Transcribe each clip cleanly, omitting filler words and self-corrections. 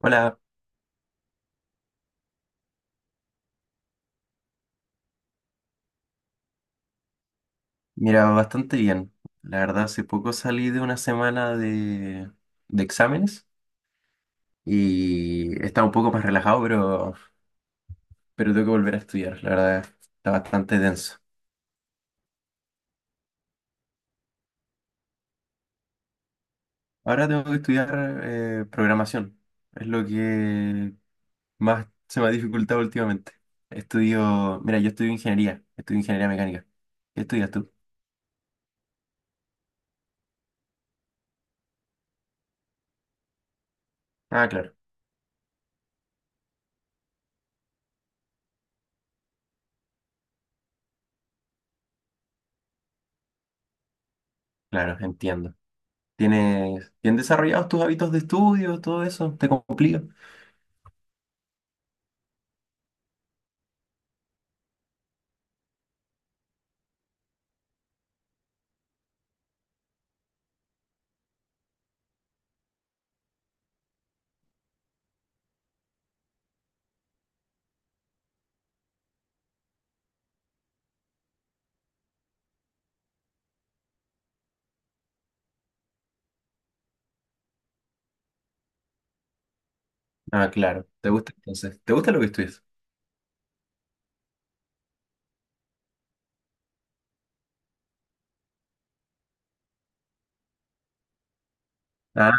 Hola, mira, bastante bien. La verdad, hace poco salí de una semana de exámenes y estaba un poco más relajado, pero tengo que volver a estudiar. La verdad, está bastante denso. Ahora tengo que estudiar programación. Es lo que más se me ha dificultado últimamente. Estudio, mira, yo estudio ingeniería mecánica. ¿Qué estudias tú? Ah, claro, claro, entiendo. ¿Tienes bien desarrollados tus hábitos de estudio, todo eso? ¿Te complica? Ah, claro. ¿Te gusta entonces? ¿Te gusta lo que estudias? Ah,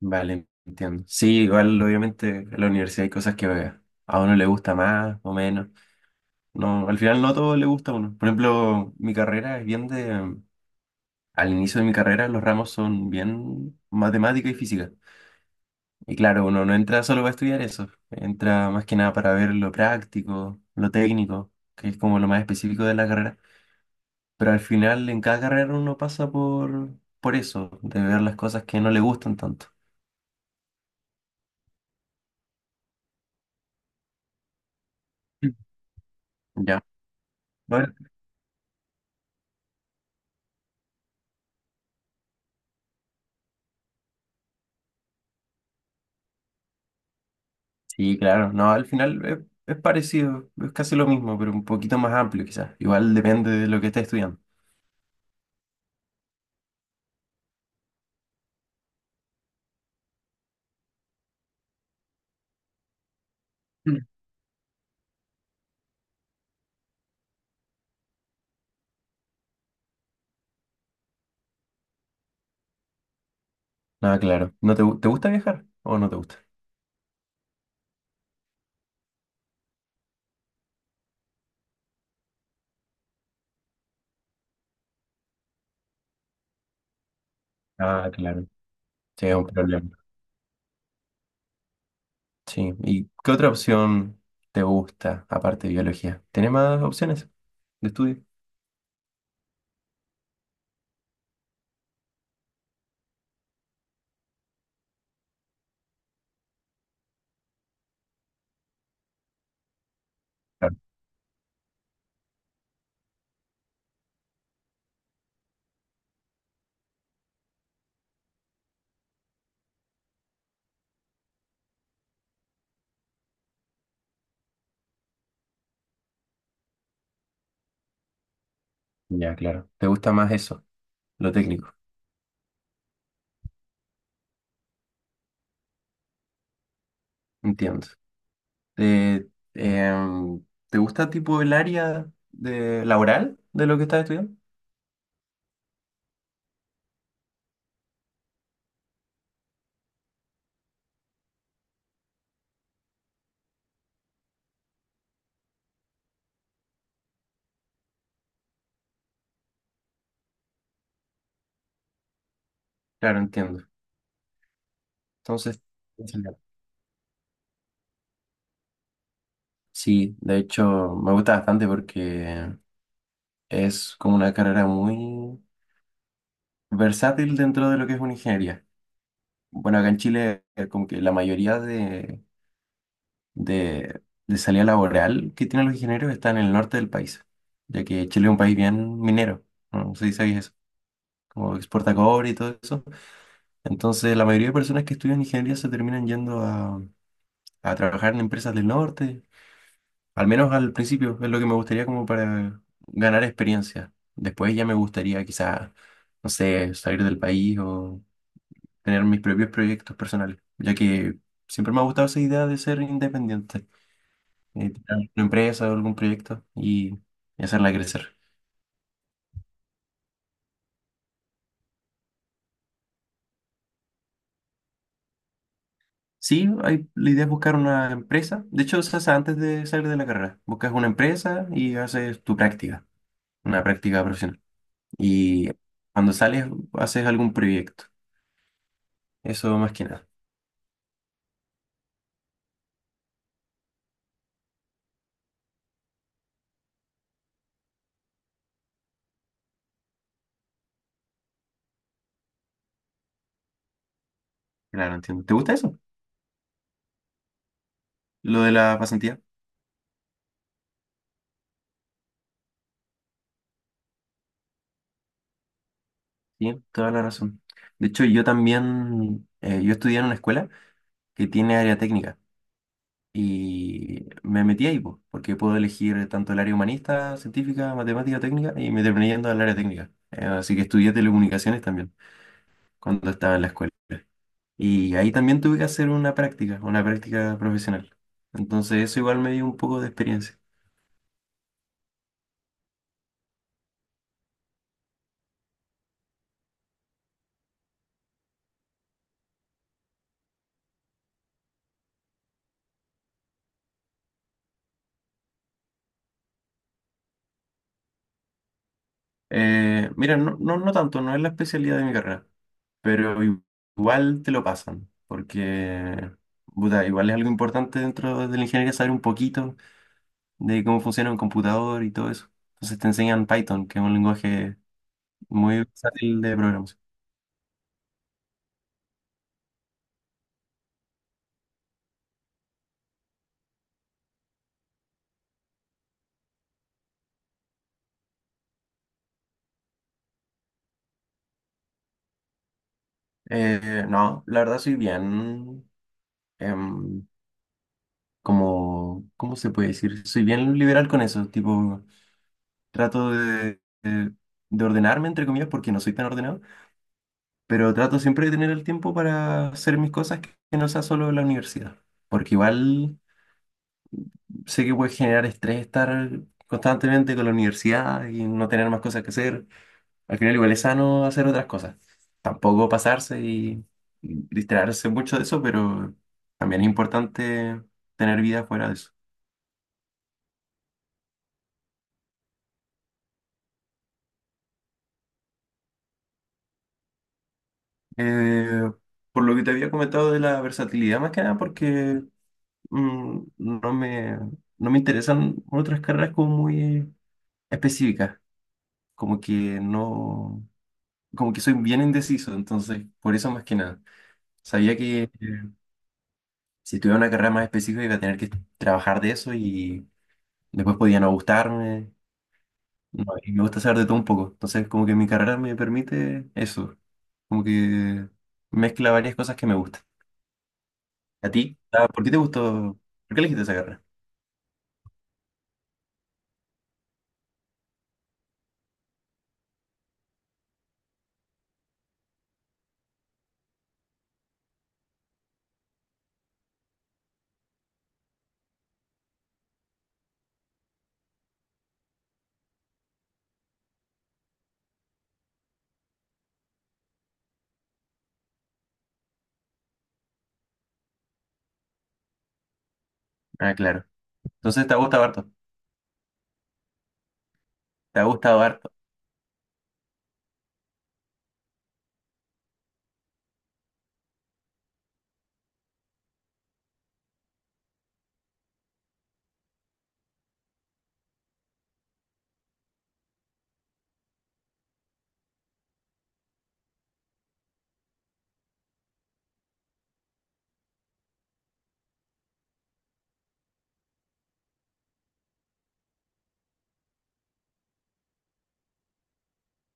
vale, entiendo. Sí, igual obviamente en la universidad hay cosas que a uno le gusta más o menos. No, al final no todo le gusta a uno. Por ejemplo, mi carrera es bien de... Al inicio de mi carrera los ramos son bien matemática y física. Y claro, uno no entra solo para estudiar eso. Entra más que nada para ver lo práctico, lo técnico, que es como lo más específico de la carrera. Pero al final en cada carrera uno pasa por eso, de ver las cosas que no le gustan tanto. Ya. Bueno, sí, claro. No, al final es parecido, es casi lo mismo, pero un poquito más amplio quizás. Igual depende de lo que estés estudiando. Mm. Ah, claro. ¿No te, te gusta viajar o no te gusta? Ah, claro. Sí, es un problema. Sí. ¿Y qué otra opción te gusta aparte de biología? ¿Tienes más opciones de estudio? Claro. Ya, claro. ¿Te gusta más eso, lo técnico? Entiendo. ¿Te, ¿te gusta tipo el área de laboral de lo que estás estudiando? Claro, entiendo. Entonces, genial. Sí, de hecho me gusta bastante porque es como una carrera muy versátil dentro de lo que es una ingeniería. Bueno, acá en Chile como que la mayoría de salida laboral que tienen los ingenieros está en el norte del país, ya que Chile es un país bien minero, no, no sé si sabéis eso, como exporta cobre y todo eso. Entonces, la mayoría de personas que estudian ingeniería se terminan yendo a trabajar en empresas del norte. Al menos al principio es lo que me gustaría como para ganar experiencia. Después ya me gustaría quizás, no sé, salir del país o tener mis propios proyectos personales, ya que siempre me ha gustado esa idea de ser independiente, tener una empresa o algún proyecto y hacerla crecer. Sí, hay, la idea es buscar una empresa. De hecho, se hace antes de salir de la carrera. Buscas una empresa y haces tu práctica, una práctica profesional. Y cuando sales, haces algún proyecto. Eso más que nada. Claro, entiendo. ¿Te gusta eso? Lo de la pasantía. Sí, toda la razón. De hecho, yo también, yo estudié en una escuela que tiene área técnica y me metí ahí, po, porque puedo elegir tanto el área humanista, científica, matemática, técnica y me terminé yendo al área técnica. Así que estudié telecomunicaciones también cuando estaba en la escuela. Y ahí también tuve que hacer una práctica profesional. Entonces eso igual me dio un poco de experiencia. Mira, no, no tanto, no es la especialidad de mi carrera, pero igual te lo pasan, porque puta, igual es algo importante dentro de la ingeniería saber un poquito de cómo funciona un computador y todo eso. Entonces te enseñan Python, que es un lenguaje muy versátil de programación. No, la verdad soy bien, em, como, ¿cómo se puede decir? Soy bien liberal con eso, tipo, trato de ordenarme, entre comillas, porque no soy tan ordenado, pero trato siempre de tener el tiempo para hacer mis cosas, que no sea solo la universidad, porque igual sé que puede generar estrés estar constantemente con la universidad y no tener más cosas que hacer. Al final igual es sano hacer otras cosas. Tampoco pasarse y distraerse mucho de eso, pero también es importante tener vida fuera de eso. Eh, por lo que te había comentado de la versatilidad, más que nada porque mm, no me interesan otras carreras como muy específicas. Como que no, como que soy bien indeciso, entonces, por eso más que nada. Sabía que si tuviera una carrera más específica iba a tener que trabajar de eso y después podía no gustarme, no, y me gusta saber de todo un poco, entonces como que mi carrera me permite eso, como que mezcla varias cosas que me gustan. ¿A ti? Ah, ¿por qué te gustó? ¿Por qué elegiste esa carrera? Ah, claro. Entonces te ha gustado harto, te ha gustado harto.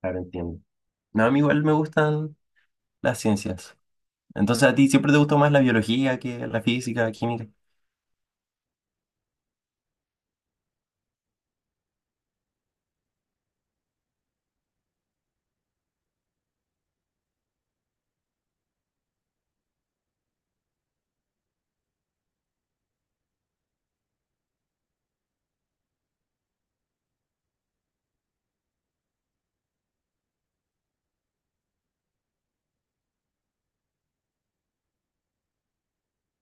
Ahora entiendo. No, a mí igual me gustan las ciencias. Entonces, ¿a ti siempre te gustó más la biología que la física, la química?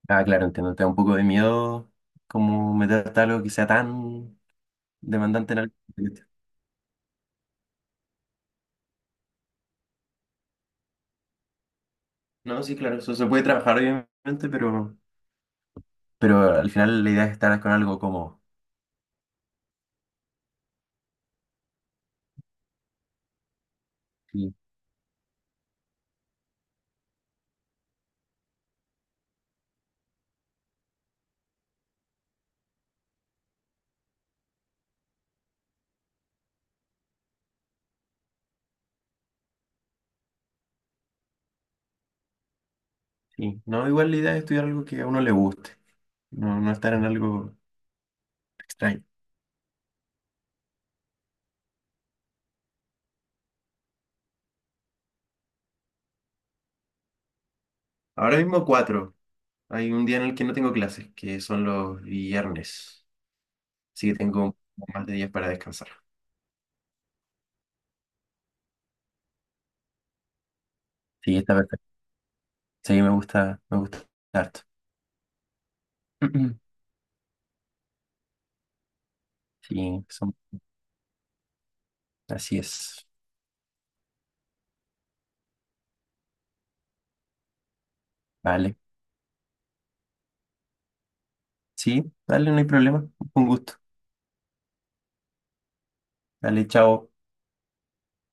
Ah, claro, entiendo. Te da un poco de miedo como meterte a algo que sea tan demandante en algo. No, sí, claro, eso se puede trabajar, obviamente, pero al final la idea es estar con algo como... Sí. Sí. No, igual la idea es estudiar algo que a uno le guste, no, no estar en algo extraño. Ahora mismo cuatro. Hay un día en el que no tengo clases, que son los viernes. Así que tengo más de días para descansar. Sí, está perfecto. Sí, me gusta harto. Sí, así es. Vale. Sí, dale, no hay problema. Un gusto. Dale, chao.